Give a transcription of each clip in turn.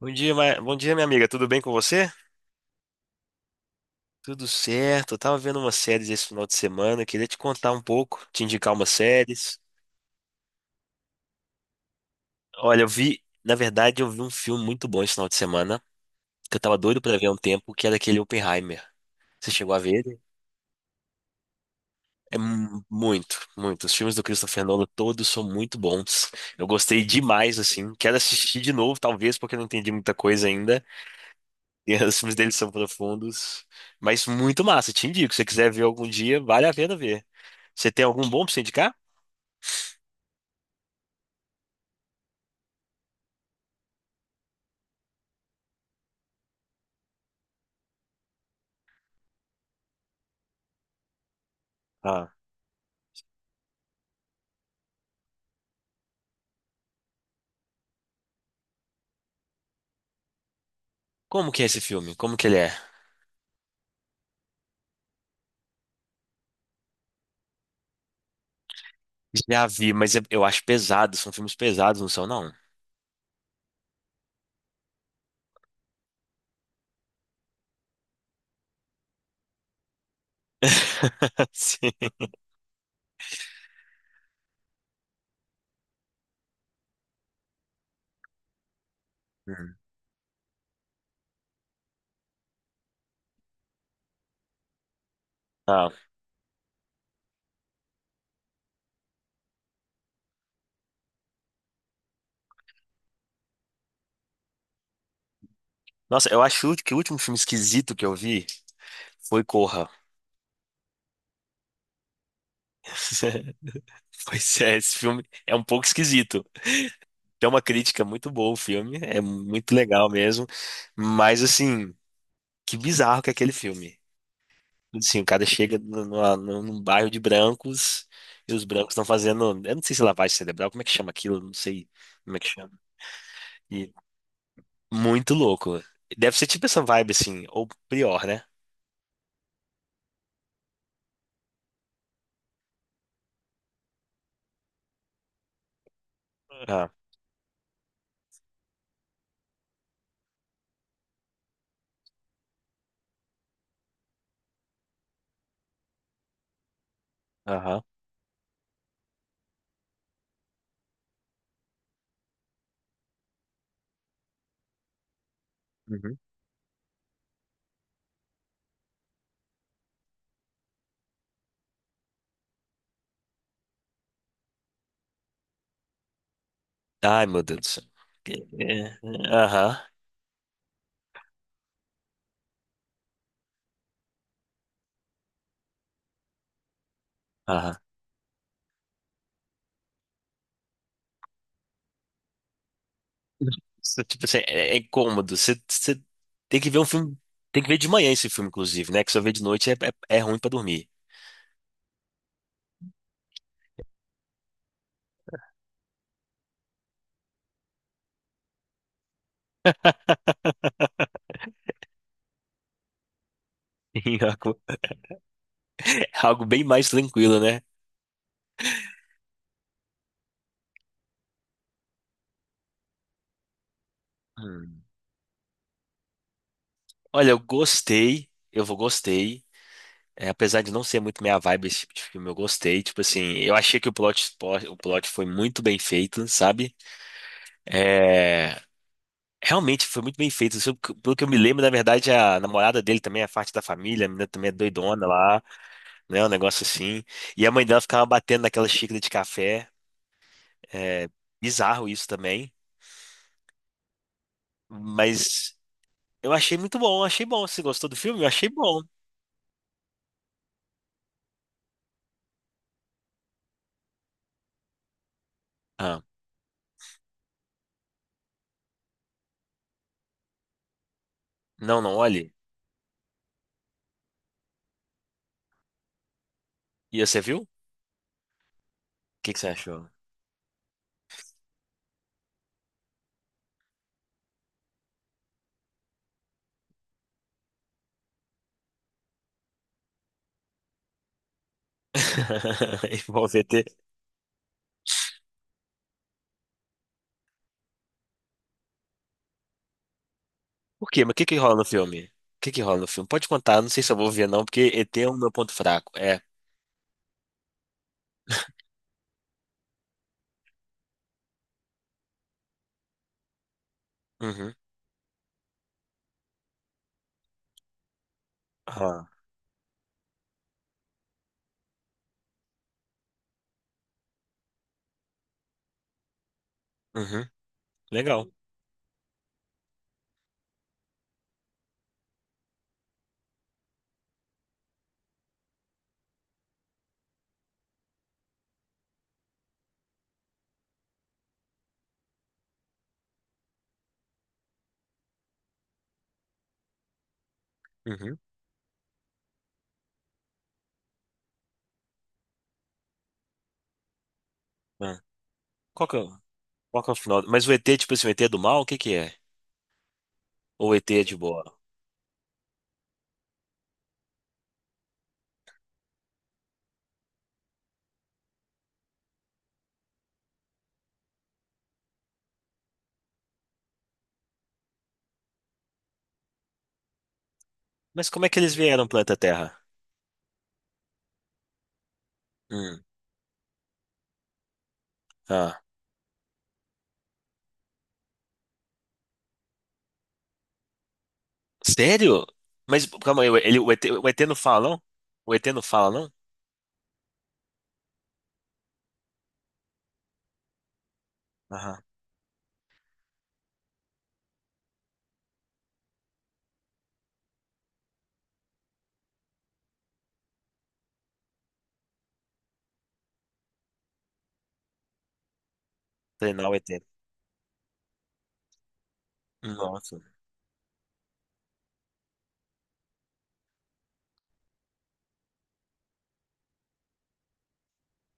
Bom dia, bom dia, minha amiga. Tudo bem com você? Tudo certo. Eu tava vendo umas séries esse final de semana. Queria te contar um pouco, te indicar umas séries. Olha, na verdade, eu vi um filme muito bom esse final de semana, que eu tava doido pra ver há um tempo, que era aquele Oppenheimer. Você chegou a ver ele? É muito, muito. Os filmes do Christopher Nolan todos são muito bons. Eu gostei demais, assim. Quero assistir de novo, talvez, porque eu não entendi muita coisa ainda. E os filmes dele são profundos. Mas muito massa, te indico. Se você quiser ver algum dia, vale a pena ver. Você tem algum bom pra você indicar? Ah. Como que é esse filme? Como que ele é? Já vi, mas eu acho pesado. São filmes pesados, não são, não? Sim. Hum. Ah. Nossa, eu acho que o último filme esquisito que eu vi foi Corra. Pois é, esse filme é um pouco esquisito. Tem uma crítica muito boa o filme, é muito legal mesmo, mas assim, que bizarro que é aquele filme. Sim, o cara chega num bairro de brancos e os brancos estão fazendo. Eu não sei se é lavagem cerebral, como é que chama aquilo? Eu não sei como é que chama. E muito louco. Deve ser tipo essa vibe assim, ou pior, né? Ah, aham. Uhum. Ai, meu Deus do céu. É, é, é, aham, aham. Isso, tipo assim, é incômodo. Você tem que ver um filme. Tem que ver de manhã esse filme, inclusive, né? Que só ver de noite é ruim pra dormir. É algo é algo bem mais tranquilo, né? Olha, eu gostei, eu vou gostei. É, apesar de não ser muito minha vibe esse tipo de filme, eu gostei. Tipo assim, eu achei que o plot foi muito bem feito, sabe? É, realmente foi muito bem feito. Se eu- Pelo que eu me lembro, na verdade, a namorada dele também é parte da família, a menina também é doidona lá, né? Um negócio assim. E a mãe dela ficava batendo naquela xícara de café. É bizarro isso também. Mas eu achei muito bom, achei bom. Você gostou do filme? Eu achei bom. Ah, não, não, olhe. E você viu? O que que você achou? E vão ver ET. Por quê? Mas o que que rola no filme? O que que rola no filme? Pode contar, não sei se eu vou ver não, porque ET é o meu ponto fraco. É. Uhum. Ah. Uhum. Legal. Uhum. Ah. Qual que é, qual que é o final? Mas o ET, tipo assim, o ET é do mal, o que que é? Ou o ET é de boa? Mas como é que eles vieram pro planeta Terra? Hum. Ah. Sério? Mas calma aí, ele, o ET, o ET não fala, não? O ET não fala, não? Aham. Treinar o ET. Nossa.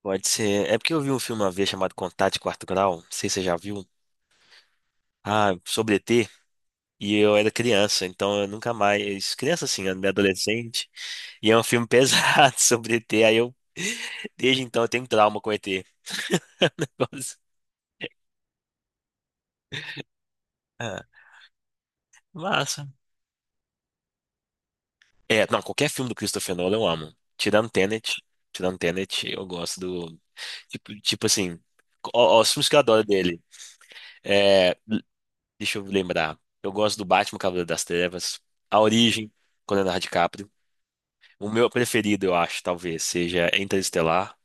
Pode ser. É porque eu vi um filme uma vez chamado Contato de Quarto Grau. Não sei se você já viu. Ah, sobre E T e eu era criança, então eu nunca mais. Criança assim, eu adolescente, e é um filme pesado sobre E T. Aí eu. Desde então eu tenho trauma com ET. Negócio. Ah, massa. É, não, qualquer filme do Christopher Nolan eu amo. Tirando Tenet, eu gosto do. Tipo assim, ó, ó, os filmes que eu adoro dele. É, deixa eu lembrar. Eu gosto do Batman Cavaleiro das Trevas, A Origem, com Leonardo DiCaprio. O meu preferido, eu acho, talvez, seja Interestelar.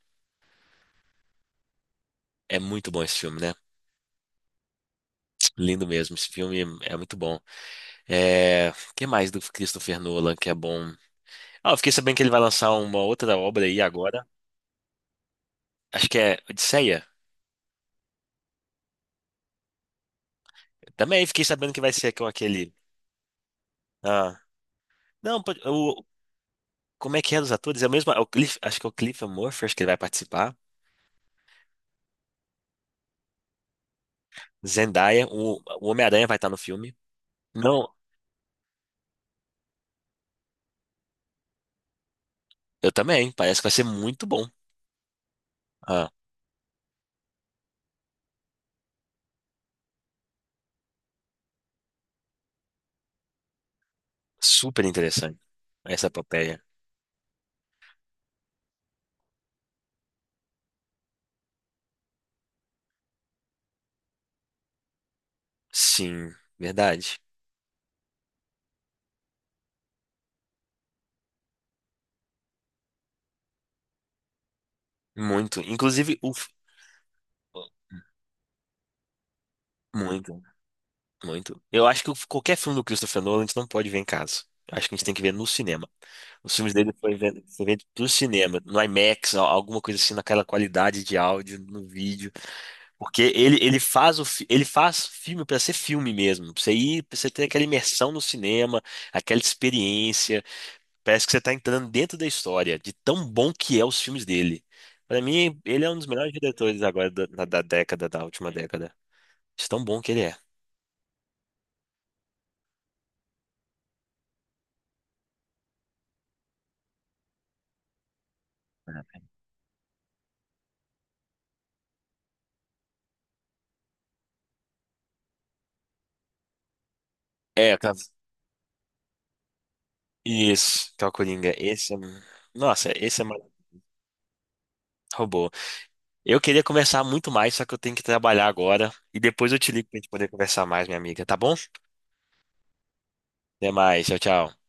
É muito bom esse filme, né? Lindo mesmo. Esse filme é muito bom. É... O que mais do Christopher Nolan que é bom? Ah, eu fiquei sabendo que ele vai lançar uma outra obra aí agora. Acho que é Odisseia. Também fiquei sabendo que vai ser com aquele. Ah, não, como é que é dos atores? É o mesmo. Acho que é o Cliff Murphy, acho que ele vai participar. Zendaya, o Homem-Aranha vai estar no filme. Não, eu também. Parece que vai ser muito bom. Ah, super interessante essa epopeia. Sim, verdade. Muito. Inclusive, muito, muito. Eu acho que qualquer filme do Christopher Nolan a gente não pode ver em casa. Eu acho que a gente tem que ver no cinema. Os filmes dele foi vendo pro cinema, no IMAX, alguma coisa assim, naquela qualidade de áudio, no vídeo. Porque ele faz filme pra ser filme mesmo. Pra você ir, pra você ter aquela imersão no cinema, aquela experiência. Parece que você tá entrando dentro da história, de tão bom que é os filmes dele. Pra mim, ele é um dos melhores diretores agora da década, da última década. De tão bom que ele é. É, isso, que é o Coringa. Esse é. Nossa, esse é mais robô. Eu queria conversar muito mais, só que eu tenho que trabalhar agora. E depois eu te ligo pra gente poder conversar mais, minha amiga, tá bom? Até mais, tchau, tchau.